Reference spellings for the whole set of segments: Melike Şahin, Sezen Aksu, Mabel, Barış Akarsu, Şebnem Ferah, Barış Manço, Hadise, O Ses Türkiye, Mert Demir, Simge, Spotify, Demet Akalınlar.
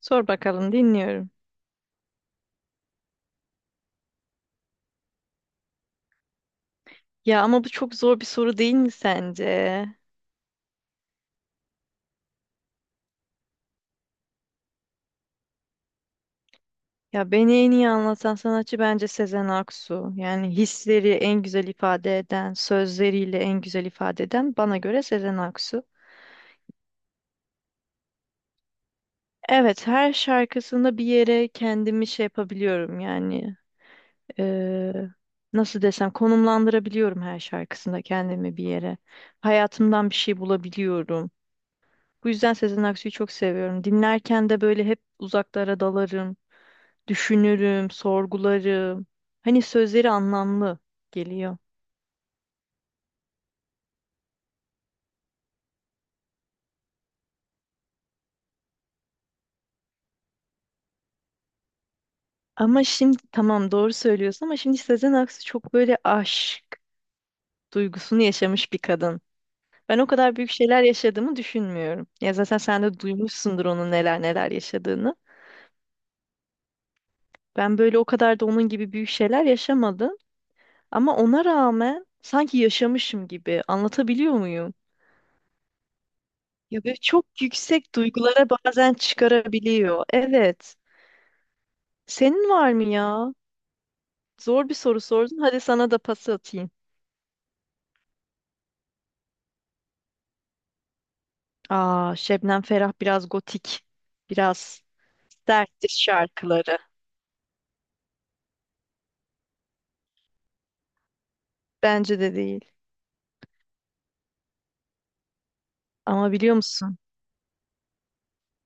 Sor bakalım, dinliyorum. Ya ama bu çok zor bir soru değil mi sence? Ya beni en iyi anlatan sanatçı bence Sezen Aksu. Yani hisleri en güzel ifade eden, sözleriyle en güzel ifade eden bana göre Sezen Aksu. Evet, her şarkısında bir yere kendimi şey yapabiliyorum yani. eee, nasıl desem konumlandırabiliyorum her şarkısında kendimi bir yere. Hayatımdan bir şey bulabiliyorum. Bu yüzden Sezen Aksu'yu çok seviyorum. Dinlerken de böyle hep uzaklara dalarım, düşünürüm, sorgularım. Hani sözleri anlamlı geliyor. Ama şimdi tamam doğru söylüyorsun, ama şimdi Sezen Aksu çok böyle aşk duygusunu yaşamış bir kadın. Ben o kadar büyük şeyler yaşadığımı düşünmüyorum. Ya zaten sen de duymuşsundur onun neler neler yaşadığını. Ben böyle o kadar da onun gibi büyük şeyler yaşamadım. Ama ona rağmen sanki yaşamışım gibi anlatabiliyor muyum? Ya böyle çok yüksek duygulara bazen çıkarabiliyor. Evet. Senin var mı ya? Zor bir soru sordun. Hadi sana da pas atayım. Aa, Şebnem Ferah biraz gotik. Biraz serttir şarkıları. Bence de değil. Ama biliyor musun?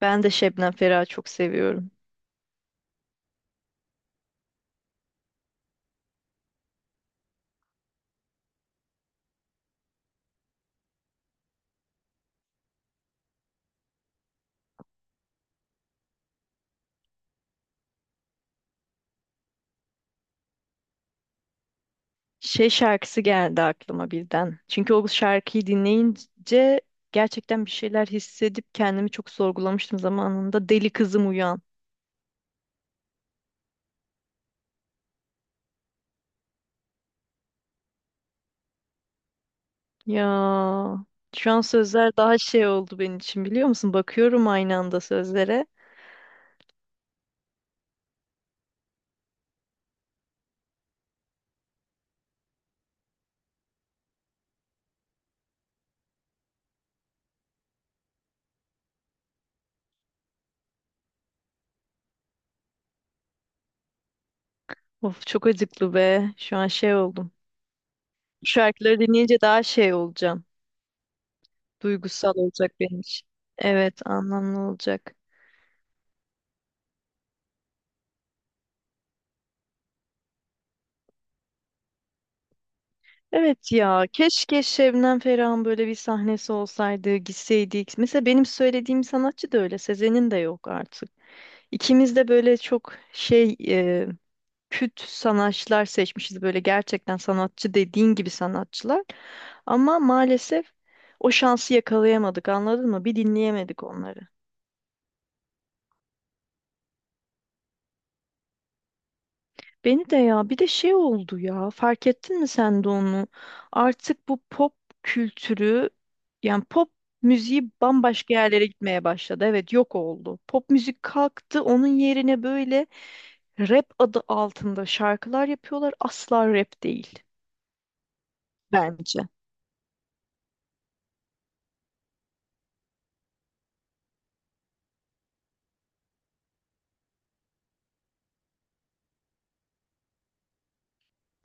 Ben de Şebnem Ferah'ı çok seviyorum. Şey şarkısı geldi aklıma birden. Çünkü o şarkıyı dinleyince gerçekten bir şeyler hissedip kendimi çok sorgulamıştım zamanında. Deli kızım uyan. Ya şu an sözler daha şey oldu benim için, biliyor musun? Bakıyorum aynı anda sözlere. Of çok acıklı be. Şu an şey oldum. Şarkıları dinleyince daha şey olacağım. Duygusal olacak benim için. Evet, anlamlı olacak. Evet ya, keşke Şebnem Ferah'ın böyle bir sahnesi olsaydı, gitseydik. Mesela benim söylediğim sanatçı da öyle, Sezen'in de yok artık. İkimiz de böyle çok şey, küt sanatçılar seçmişiz. Böyle gerçekten sanatçı dediğin gibi sanatçılar. Ama maalesef o şansı yakalayamadık, anladın mı? Bir dinleyemedik onları. Beni de ya, bir de şey oldu ya, fark ettin mi sen de onu? Artık bu pop kültürü, yani pop müziği bambaşka yerlere gitmeye başladı. Evet yok oldu. Pop müzik kalktı, onun yerine böyle rap adı altında şarkılar yapıyorlar. Asla rap değil bence.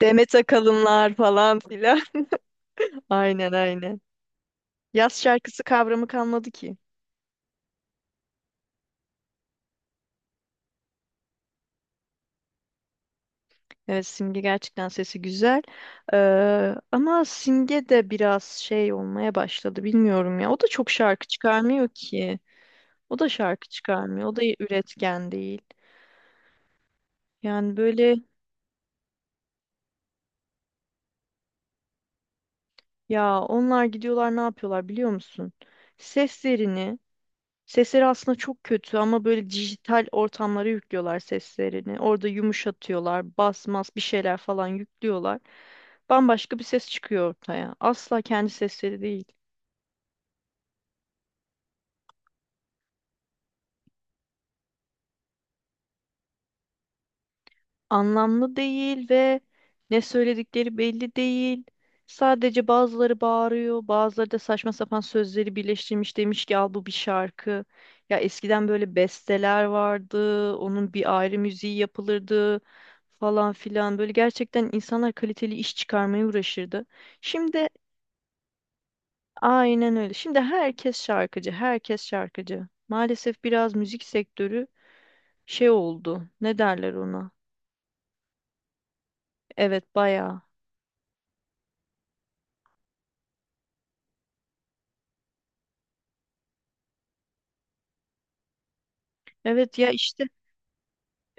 Demet Akalınlar falan filan. Aynen aynen. Yaz şarkısı kavramı kalmadı ki. Evet, Simge gerçekten sesi güzel. Ama Simge de biraz şey olmaya başladı, bilmiyorum ya. O da çok şarkı çıkarmıyor ki. O da şarkı çıkarmıyor. O da üretken değil. Yani böyle ya, onlar gidiyorlar ne yapıyorlar biliyor musun? Seslerini, sesleri aslında çok kötü ama böyle dijital ortamlara yüklüyorlar seslerini. Orada yumuşatıyorlar, bas mas bir şeyler falan yüklüyorlar. Bambaşka bir ses çıkıyor ortaya. Asla kendi sesleri değil. Anlamlı değil ve ne söyledikleri belli değil. Sadece bazıları bağırıyor, bazıları da saçma sapan sözleri birleştirmiş, demiş ki al bu bir şarkı. Ya eskiden böyle besteler vardı, onun bir ayrı müziği yapılırdı falan filan. Böyle gerçekten insanlar kaliteli iş çıkarmaya uğraşırdı. Şimdi aynen öyle. Şimdi herkes şarkıcı, herkes şarkıcı. Maalesef biraz müzik sektörü şey oldu. Ne derler ona? Evet, bayağı. Evet ya işte.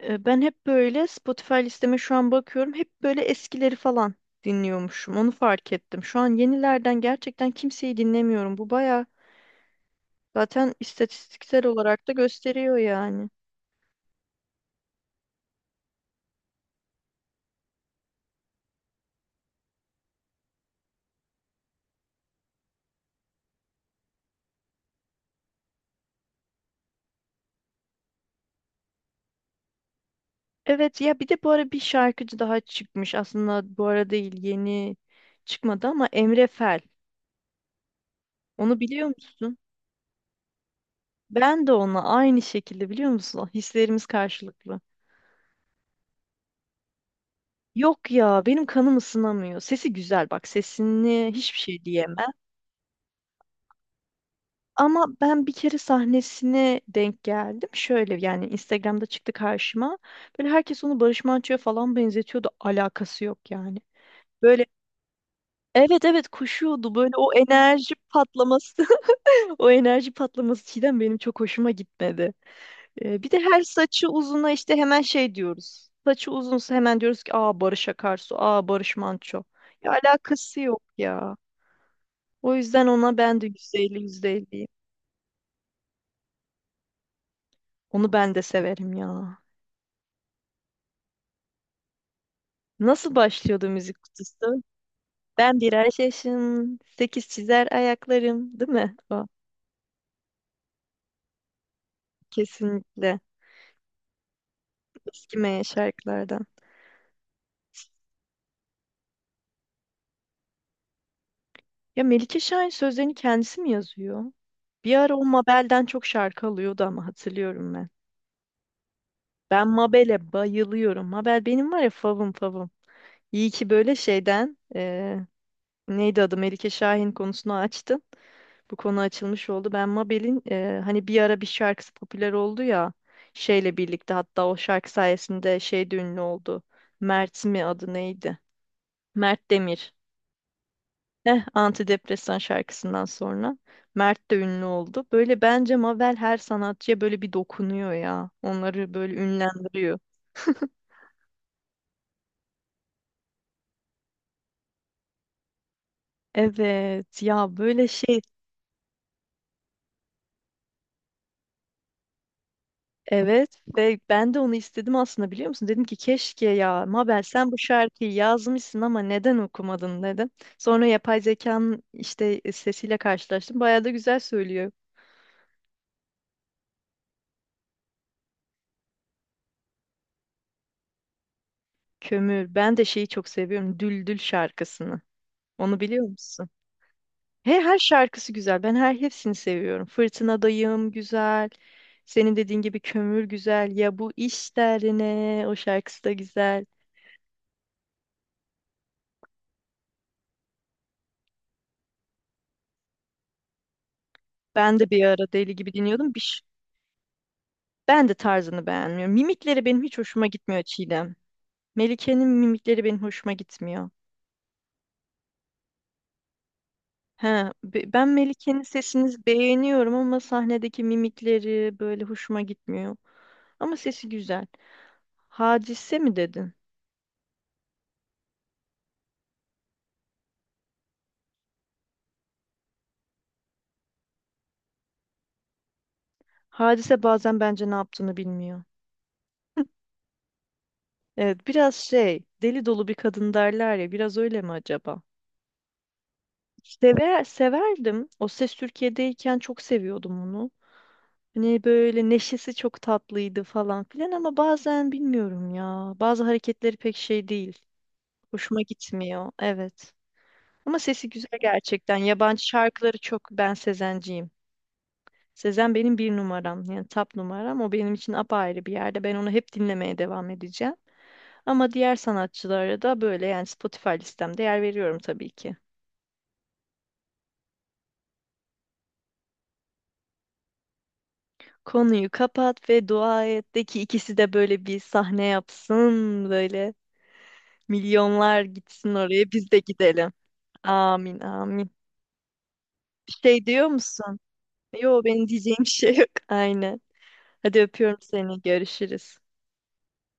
Ben hep böyle Spotify listeme şu an bakıyorum. Hep böyle eskileri falan dinliyormuşum. Onu fark ettim. Şu an yenilerden gerçekten kimseyi dinlemiyorum. Bu baya, zaten istatistiksel olarak da gösteriyor yani. Evet ya, bir de bu ara bir şarkıcı daha çıkmış. Aslında bu ara değil, yeni çıkmadı ama Emre Fel. Onu biliyor musun? Ben de ona aynı şekilde, biliyor musun? Hislerimiz karşılıklı. Yok ya, benim kanım ısınamıyor. Sesi güzel, bak sesini hiçbir şey diyemem. Ama ben bir kere sahnesine denk geldim. Şöyle yani Instagram'da çıktı karşıma. Böyle herkes onu Barış Manço'ya falan benzetiyordu. Alakası yok yani. Böyle evet evet koşuyordu. Böyle o enerji patlaması. O enerji patlaması Çiğdem benim çok hoşuma gitmedi. Bir de her saçı uzuna işte hemen şey diyoruz. Saçı uzunsa hemen diyoruz ki aa Barış Akarsu, aa Barış Manço. Ya alakası yok ya. O yüzden ona ben de yüzde elli yüzde %50'yim. Onu ben de severim ya. Nasıl başlıyordu müzik kutusu? Ben birer yaşım sekiz çizer ayaklarım, değil mi? O kesinlikle eskimeyen şarkılardan. Ya Melike Şahin sözlerini kendisi mi yazıyor? Bir ara o Mabel'den çok şarkı alıyordu ama, hatırlıyorum ben. Ben Mabel'e bayılıyorum. Mabel benim var ya favım favım. İyi ki böyle şeyden, neydi adı, Melike Şahin konusunu açtın. Bu konu açılmış oldu. Ben Mabel'in hani bir ara bir şarkısı popüler oldu ya, şeyle birlikte, hatta o şarkı sayesinde şey de ünlü oldu. Mert mi adı, neydi? Mert Demir. Heh, antidepresan şarkısından sonra Mert de ünlü oldu. Böyle bence Mabel her sanatçıya böyle bir dokunuyor ya. Onları böyle ünlendiriyor. Evet ya böyle şey. Evet ve ben de onu istedim aslında, biliyor musun? Dedim ki keşke ya Mabel sen bu şarkıyı yazmışsın ama neden okumadın dedim. Sonra yapay zekanın işte sesiyle karşılaştım. Bayağı da güzel söylüyor. Kömür. Ben de şeyi çok seviyorum. Düldül şarkısını. Onu biliyor musun? He, her şarkısı güzel. Ben her hepsini seviyorum. Fırtınadayım güzel. Senin dediğin gibi kömür güzel. Ya bu iş derine o şarkısı da güzel. Ben de bir ara deli gibi dinliyordum. Ben de tarzını beğenmiyorum. Mimikleri benim hiç hoşuma gitmiyor Çiğdem. Melike'nin mimikleri benim hoşuma gitmiyor. He, ben Melike'nin sesini beğeniyorum ama sahnedeki mimikleri böyle hoşuma gitmiyor. Ama sesi güzel. Hadise mi dedin? Hadise bazen bence ne yaptığını bilmiyor. Evet, biraz şey, deli dolu bir kadın derler ya, biraz öyle mi acaba? Sever, severdim. O Ses Türkiye'deyken çok seviyordum onu. Hani böyle neşesi çok tatlıydı falan filan ama bazen bilmiyorum ya. Bazı hareketleri pek şey değil. Hoşuma gitmiyor. Evet. Ama sesi güzel gerçekten. Yabancı şarkıları çok, ben Sezenciyim. Sezen benim bir numaram. Yani top numaram. O benim için apayrı bir yerde. Ben onu hep dinlemeye devam edeceğim. Ama diğer sanatçılara da böyle, yani Spotify listemde yer veriyorum tabii ki. Konuyu kapat ve dua et de ki ikisi de böyle bir sahne yapsın, böyle milyonlar gitsin oraya, biz de gidelim. Amin amin. Bir şey diyor musun? Yo benim diyeceğim bir şey yok. Aynen. Hadi öpüyorum seni. Görüşürüz.